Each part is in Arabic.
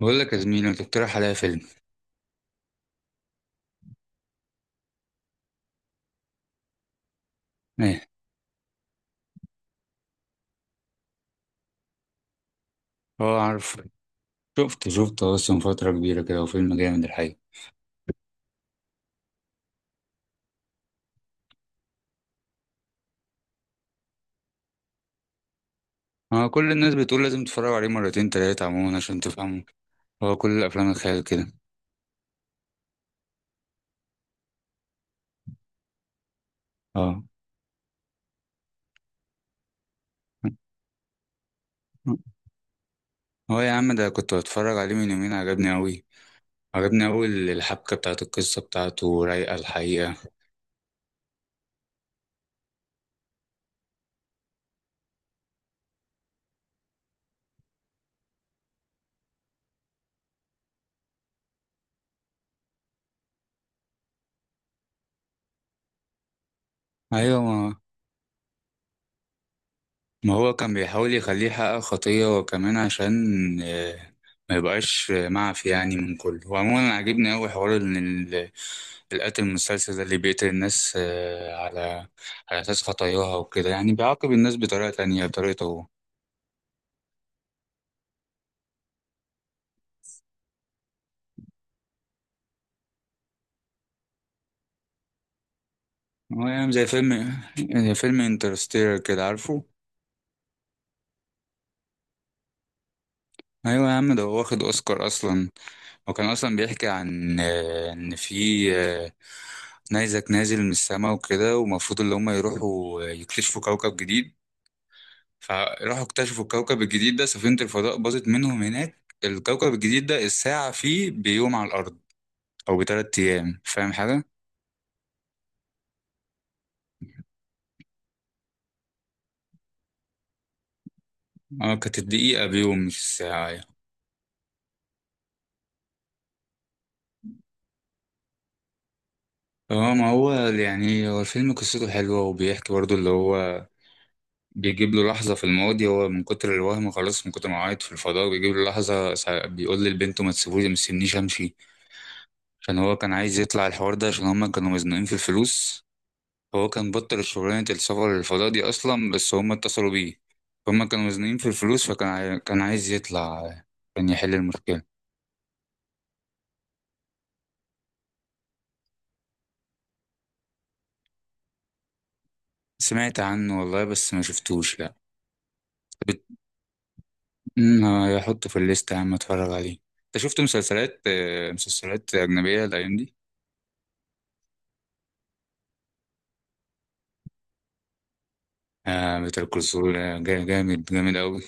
بقول لك يا زميلي ما تقترح عليا فيلم. ايه؟ اه، عارف. شفت اصلا فترة كبيرة كده، وفيلم جامد الحقيقة. اه، كل الناس بتقول لازم تتفرج عليه مرتين تلاتة، عموما عشان تفهمه. هو كل الافلام الخيال كده. اه. هو يا عم ده كنت بتفرج عليه من يومين، عجبني قوي. عجبني قوي الحبكة بتاعت القصة بتاعته، رايقة الحقيقة. ايوه، ما هو كان بيحاول يخليه يحقق خطية، وكمان عشان آه، ما يبقاش معفي يعني من كله. وعموما عجبني قوي حوار ان ال- القاتل المسلسل ده اللي بيقتل الناس على أساس خطاياها وكده، يعني بيعاقب الناس بطريقة تانية بطريقته هو. هو يعني زي فيلم انترستيلر كده عارفه. أيوة يا عم ده هو واخد أوسكار أصلا، وكان أصلا بيحكي عن إن في آه، نيزك نازل من السماء وكده، ومفروض اللي هما يروحوا يكتشفوا كوكب جديد. فراحوا اكتشفوا الكوكب الجديد ده، سفينة الفضاء باظت منهم هناك. الكوكب الجديد ده الساعة فيه بيوم على الأرض أو بتلات أيام، فاهم حاجة؟ اه، كانت الدقيقة بيوم مش الساعة يعني. اه، ما هو يعني هو الفيلم قصته حلوة، وبيحكي برضو اللي هو بيجيب له لحظة في الماضي. هو من كتر الوهم خلاص، من كتر ما عيط في الفضاء، بيجيب له لحظة بيقول للبنت ما تسيبوش ما تسيبنيش امشي، عشان هو كان عايز يطلع الحوار ده عشان هما كانوا مزنوقين في الفلوس. هو كان بطل شغلانة السفر للفضاء دي أصلا، بس هما اتصلوا بيه. هما كانوا مزنوقين في الفلوس، فكان كان عايز يطلع، كان يحل المشكلة. سمعت عنه والله بس ما شفتوش لا. امم هحطه في الليستة يا عم اتفرج عليه. انت شفت مسلسلات مسلسلات أجنبية الأيام دي؟ آه بيتر كول، جامد جامد أوي.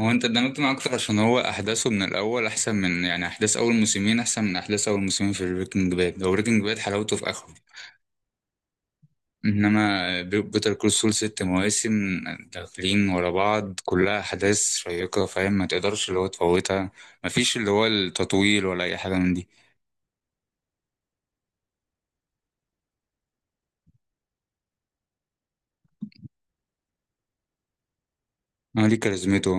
هو أنت اتدمجت معاه أكتر عشان هو أحداثه من الأول أحسن من يعني، أحداث أول موسمين أحسن من أحداث أول موسمين في بريكنج باد. هو بريكنج باد حلاوته في آخره، إنما بيتر كول سول ست مواسم داخلين ورا بعض كلها أحداث شيقة، فاهم ما تقدرش اللي هو تفوتها. مفيش اللي هو التطويل ولا أي حاجة من دي. آه ليه كاريزمته.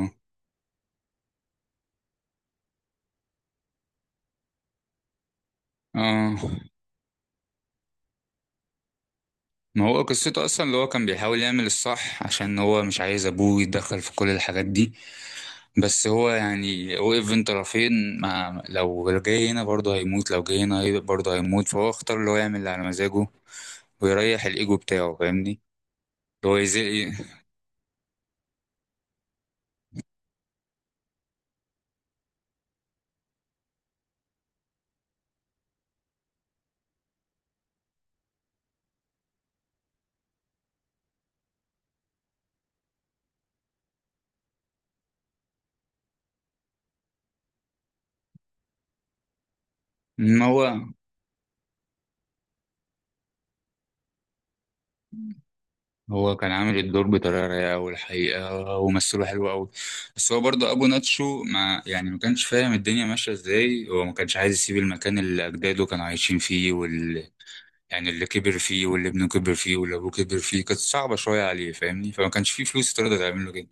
اه، ما هو قصته اصلا اللي هو كان بيحاول يعمل الصح، عشان هو مش عايز ابوه يتدخل في كل الحاجات دي. بس هو يعني وقف بين طرفين، مع لو جاي هنا برضه هيموت، لو جاي هنا برضه هيموت، فهو اختار اللي هو يعمل اللي على مزاجه ويريح الايجو بتاعه فاهمني. اللي هو يزق. ما هو كان عامل الدور بطريقه رايقه أوي الحقيقه، ومثله حلو قوي. بس هو برضه ابو ناتشو، ما يعني ما كانش فاهم الدنيا ماشيه ازاي. هو ما كانش عايز يسيب المكان اللي اجداده كانوا عايشين فيه، يعني اللي كبر فيه واللي ابنه كبر فيه واللي ابوه كبر فيه. كانت صعبة شوية عليه فاهمني، فما كانش فيه فلوس تقدر تعمل له كده.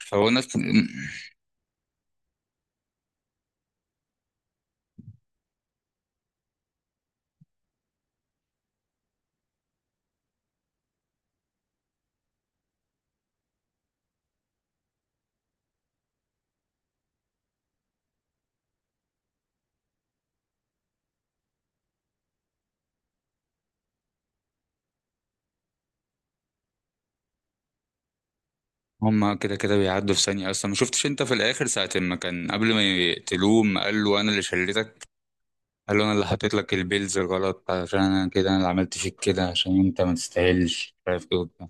فهو الناس. هما كده كده بيعدوا في ثانية أصلا. ما شفتش أنت في الآخر ساعة ما كان قبل ما يقتلوه، ما قال له أنا اللي شلتك، قال له أنا اللي حطيت لك البيلز الغلط، عشان أنا كده أنا اللي عملت فيك كده عشان أنت ما تستاهلش مش عارف إيه وبتاع.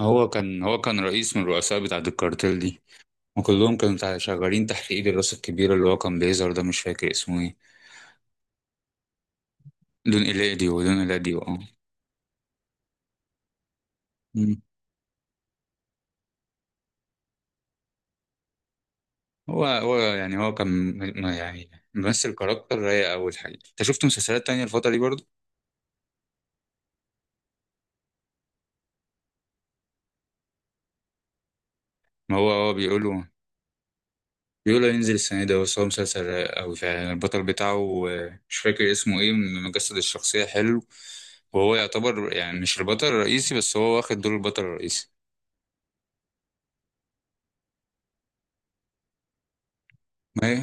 هو كان رئيس من الرؤساء بتاعة الكارتيل دي، وكلهم كانوا شغالين تحت إيد الراس الكبير اللي هو كان بيظهر ده، مش فاكر اسمه إيه. دون إيلاديو، دون إيلاديو، أه. هو يعني هو كان يعني ممثل كاركتر رايق أوي الحقيقة. أنت شفت مسلسلات تانية الفترة دي برضه؟ ما هو بيقولوا ينزل السنة دي. بس هو مسلسل رايق أوي فعلا، البطل بتاعه مش فاكر اسمه إيه، مجسد الشخصية حلو. وهو يعتبر يعني مش البطل الرئيسي، بس هو واخد دور البطل الرئيسي. ما هي،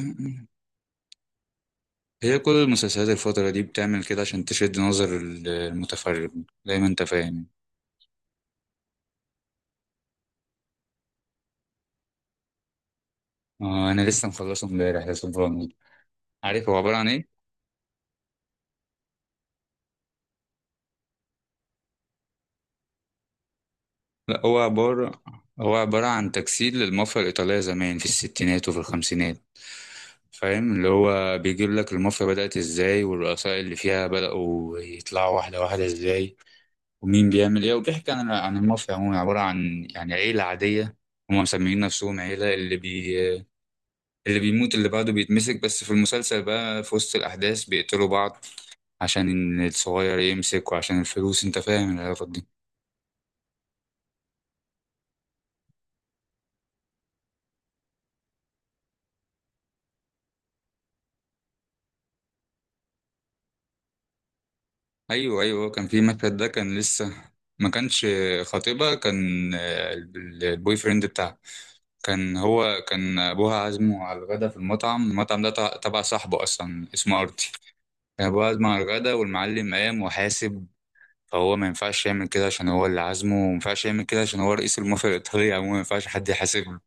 هي كل المسلسلات الفترة دي بتعمل كده عشان تشد نظر المتفرج زي ما أنت فاهم. آه أنا لسه مخلصه امبارح، يا سبحان الله. عارف هو عبارة عن إيه؟ لا، هو عبارة عن تجسيد للمافيا الإيطالية زمان في الستينات وفي الخمسينات، فاهم. اللي هو بيجيب لك المافيا بدأت ازاي، والرؤساء اللي فيها بدأوا يطلعوا واحدة واحدة ازاي، ومين بيعمل ايه. وبيحكي عن المافيا عموما، عبارة عن يعني عيلة عادية، هم مسميين نفسهم عيلة. اللي بيموت اللي بعده بيتمسك، بس في المسلسل بقى في وسط الأحداث بيقتلوا بعض عشان الصغير يمسك وعشان الفلوس، انت فاهم العلاقة دي. ايوه، ايوه، كان في مشهد ده كان لسه، ما كانش، خطيبها كان، البوي فريند بتاعها. كان، هو كان ابوها عازمه على الغدا في المطعم ده تبع صاحبه اصلا اسمه ارتي. كان ابوها عازمه على الغدا، والمعلم قام وحاسب. فهو ما ينفعش يعمل كده عشان هو اللي عازمه، وما ينفعش يعمل كده عشان هو رئيس المافيا الايطاليه عموما، ما ينفعش حد يحاسب له.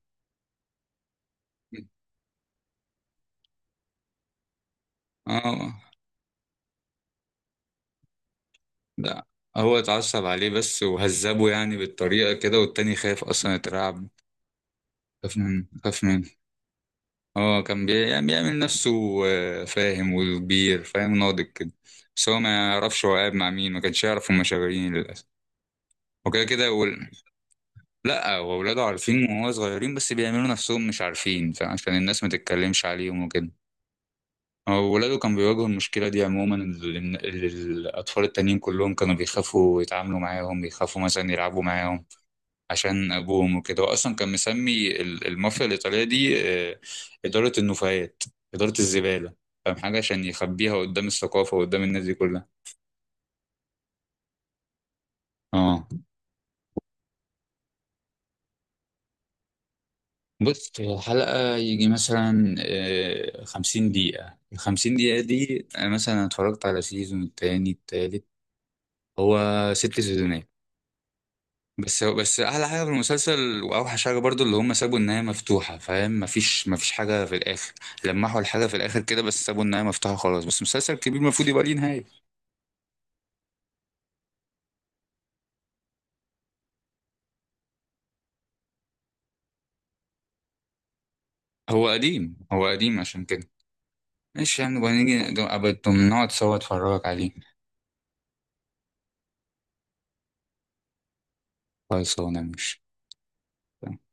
اه. لا، هو اتعصب عليه بس وهذبه يعني بالطريقه كده، والتاني خاف اصلا يترعب. خاف من. اه، كان يعني بيعمل نفسه فاهم وكبير، فاهم ناضج كده. بس هو ما يعرفش هو قاعد مع مين، ما كانش يعرف هما شغالين للأسف. وكده كده لا، هو ولاده عارفين وهو صغيرين، بس بيعملوا نفسهم مش عارفين، فعشان الناس ما تتكلمش عليهم وكده. هو ولاده كان بيواجهوا المشكلة دي عموما. اللي الأطفال التانيين كلهم كانوا بيخافوا يتعاملوا معاهم، بيخافوا مثلا يلعبوا معاهم عشان ابوهم وكده. هو اصلا كان مسمي المافيا الايطاليه دي آه، اداره النفايات، اداره الزباله، فاهم حاجه، عشان يخبيها قدام الثقافه وقدام الناس دي كلها. اه، بص هي الحلقه يجي مثلا 50 دقيقه، ال 50 دقيقه دي أنا مثلا اتفرجت على سيزون التاني التالت. هو ست سيزونات. بس احلى حاجه في المسلسل واوحش حاجه برضو، اللي هم سابوا النهايه مفتوحه فاهم. مفيش حاجه في الاخر، لمحوا الحاجه في الاخر كده، بس سابوا النهايه مفتوحه خلاص. بس مسلسل كبير المفروض يبقى ليه نهايه. هو قديم، هو قديم عشان كده. ماشي، يعني نبقى نيجي ابقى نقعد سوا اتفرجك عليه. خلاص انا ماشي